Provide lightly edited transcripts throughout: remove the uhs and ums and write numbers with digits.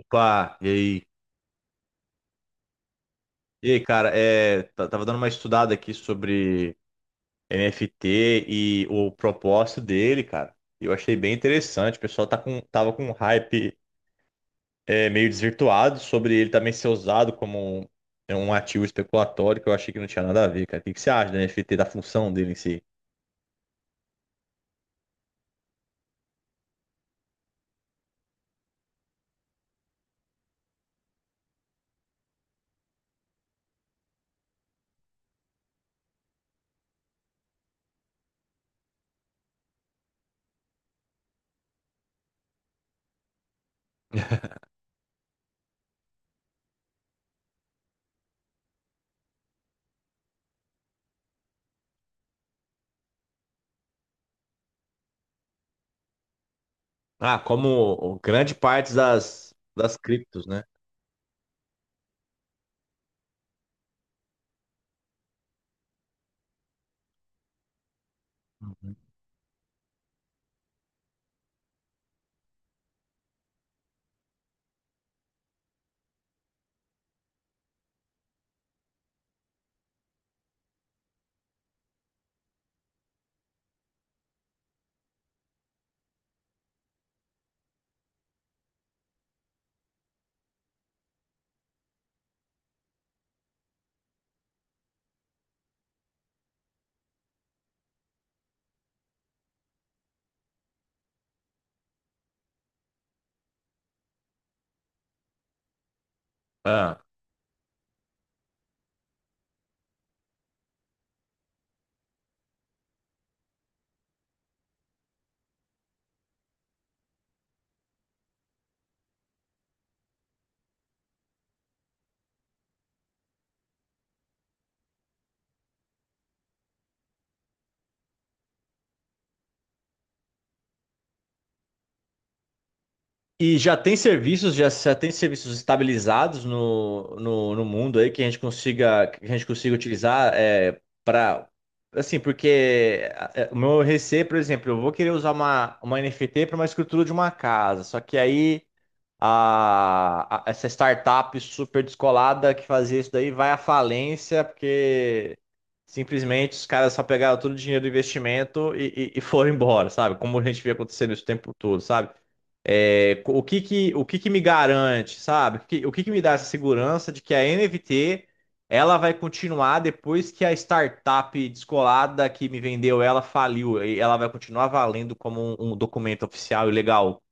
Opa, e aí? E aí, cara, tava dando uma estudada aqui sobre NFT e o propósito dele, cara. Eu achei bem interessante. O pessoal tava com um hype, meio desvirtuado sobre ele também ser usado como um ativo especulatório, que eu achei que não tinha nada a ver, cara. O que você acha do NFT, da função dele em si? Ah, como grande parte das criptos, né? Uhum. E já tem serviços estabilizados no mundo aí que a gente consiga utilizar, para assim, porque, o meu receio, por exemplo, eu vou querer usar uma NFT para uma escritura de uma casa, só que aí essa startup super descolada que fazia isso daí vai à falência porque simplesmente os caras só pegaram todo o dinheiro do investimento e foram embora, sabe? Como a gente vê acontecendo isso o tempo todo, sabe? O que que me garante, sabe? O que que me dá essa segurança de que a NFT ela vai continuar depois que a startup descolada que me vendeu ela faliu e ela vai continuar valendo como um documento oficial e legal.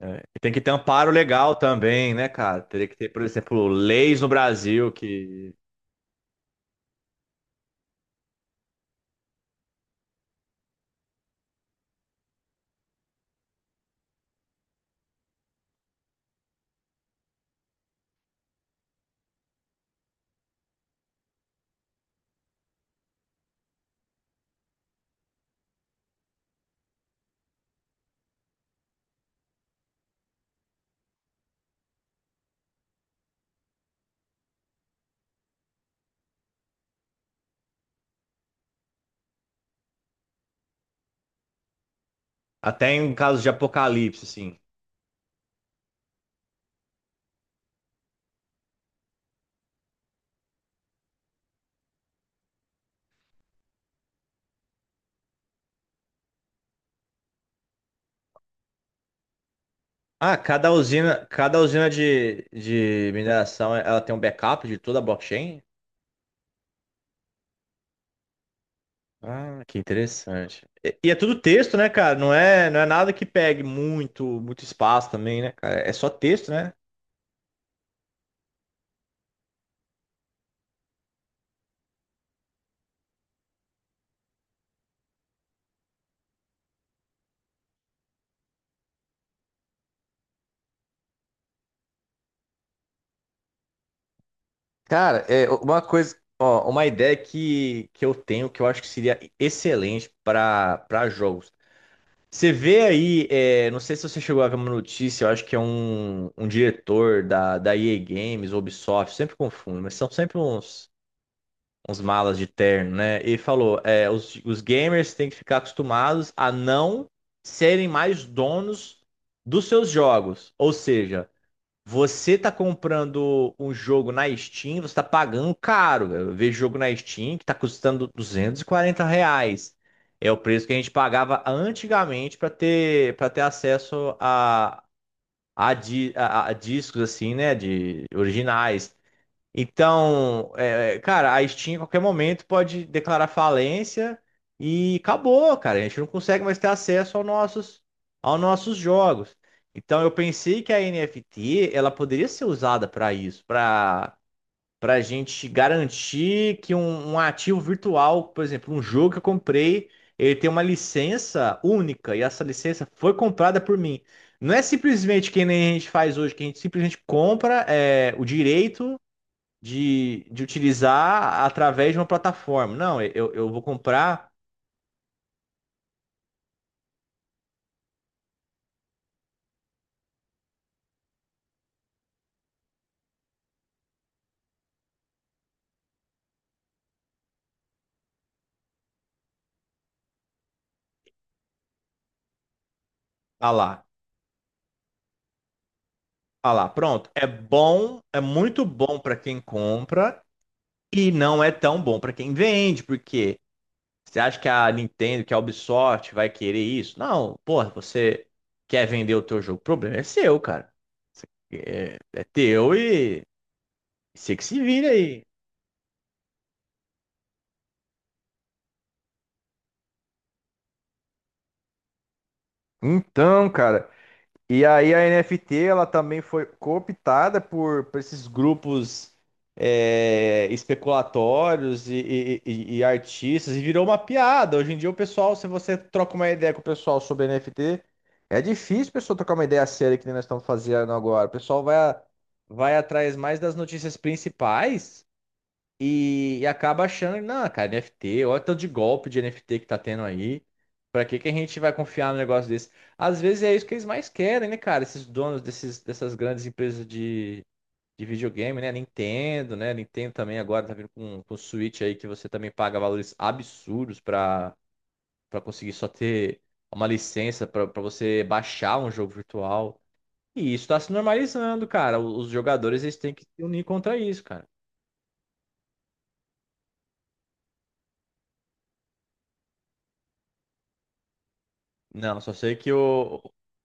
É, e tem que ter um amparo legal também, né, cara? Teria que ter, por exemplo, leis no Brasil que até em casos de apocalipse, assim. Ah, cada usina de mineração ela tem um backup de toda a blockchain? Ah, que interessante. E é tudo texto, né, cara? Não é nada que pegue muito, muito espaço também, né, cara? É só texto, né? Cara, é uma coisa, ó, uma ideia que eu tenho que eu acho que seria excelente para jogos. Você vê aí, é, não sei se você chegou a ver uma notícia, eu acho que é um diretor da EA Games, Ubisoft, sempre confundo, mas são sempre uns malas de terno, né? E falou: os gamers têm que ficar acostumados a não serem mais donos dos seus jogos. Ou seja, você tá comprando um jogo na Steam, você tá pagando caro. Eu vejo jogo na Steam que tá custando R$ 240. É o preço que a gente pagava antigamente para ter acesso a discos assim, né, de originais. Então, cara, a Steam em qualquer momento pode declarar falência e acabou, cara. A gente não consegue mais ter acesso aos nossos jogos. Então, eu pensei que a NFT ela poderia ser usada para isso, para a gente garantir que um ativo virtual, por exemplo, um jogo que eu comprei, ele tem uma licença única e essa licença foi comprada por mim. Não é simplesmente que nem a gente faz hoje, que a gente simplesmente compra o direito de utilizar através de uma plataforma. Não, eu vou comprar, ah lá, ah lá, pronto. É bom, é muito bom para quem compra e não é tão bom para quem vende, porque você acha que a Nintendo, que a Ubisoft vai querer isso? Não, porra, você quer vender o teu jogo, o problema é seu, cara. É teu e você que se vira aí. Então, cara, e aí a NFT ela também foi cooptada por esses grupos, especulatórios e artistas e virou uma piada. Hoje em dia o pessoal, se você troca uma ideia com o pessoal sobre NFT, é difícil a pessoa trocar uma ideia séria que nem nós estamos fazendo agora. O pessoal vai, vai atrás mais das notícias principais e acaba achando, não, cara, NFT, olha o tanto de golpe de NFT que tá tendo aí. Pra que que a gente vai confiar num negócio desse? Às vezes é isso que eles mais querem, né, cara? Esses donos dessas grandes empresas de videogame, né? Nintendo, né? Nintendo também agora tá vindo com Switch aí que você também paga valores absurdos pra conseguir só ter uma licença pra você baixar um jogo virtual. E isso tá se normalizando, cara. Os jogadores eles têm que se unir contra isso, cara. Não, só sei que o,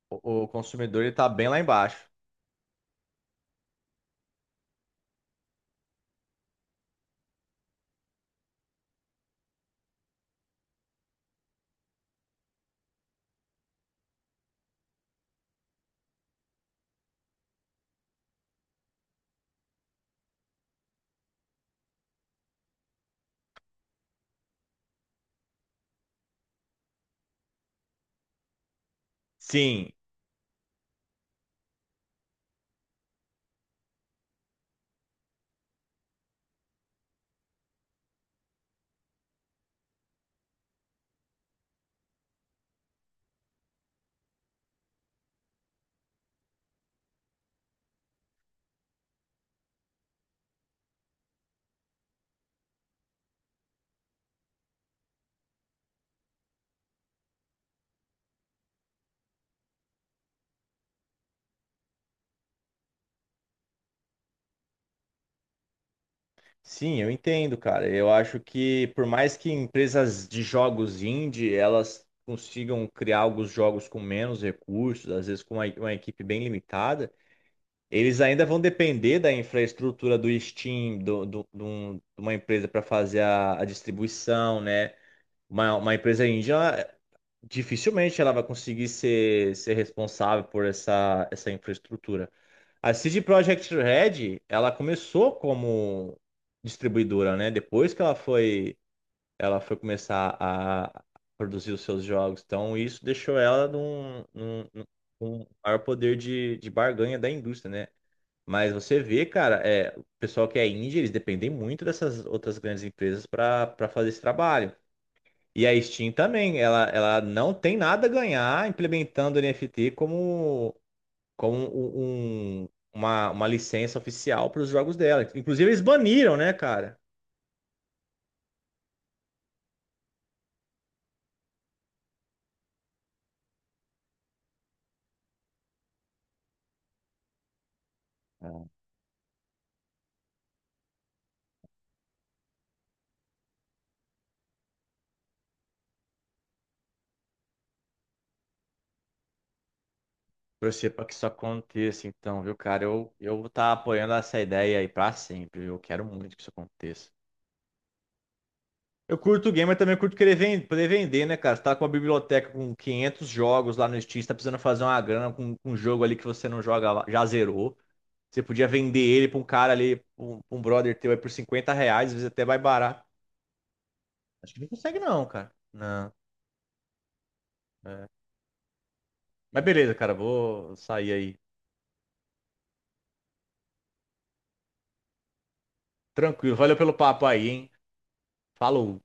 o, o consumidor ele tá bem lá embaixo. Sim, sim, eu entendo, cara. Eu acho que por mais que empresas de jogos indie elas consigam criar alguns jogos com menos recursos, às vezes com uma equipe bem limitada, eles ainda vão depender da infraestrutura do Steam, de uma empresa para fazer a distribuição, né? Uma empresa indie, dificilmente ela vai conseguir ser responsável por essa infraestrutura. A CD Projekt Red, ela começou como distribuidora, né? Depois que ela foi começar a produzir os seus jogos. Então, isso deixou ela com maior poder de barganha da indústria, né? Mas você vê, cara, é, o pessoal que é indie, eles dependem muito dessas outras grandes empresas para fazer esse trabalho. E a Steam também, ela não tem nada a ganhar implementando NFT como uma licença oficial para os jogos dela. Inclusive, eles baniram, né, cara? Torcer para que isso aconteça, então, viu, cara? Eu vou estar apoiando essa ideia aí para sempre. Eu quero muito que isso aconteça. Eu curto game, mas também curto querer poder vender, né, cara? Você tá com uma biblioteca com 500 jogos lá no Steam, você tá precisando fazer uma grana com um jogo ali que você não joga, já zerou. Você podia vender ele pra um cara ali, um brother teu aí por R$ 50, às vezes até vai barato. Acho que não consegue não, cara. Não. Mas beleza, cara, vou sair aí. Tranquilo, valeu pelo papo aí, hein? Falou.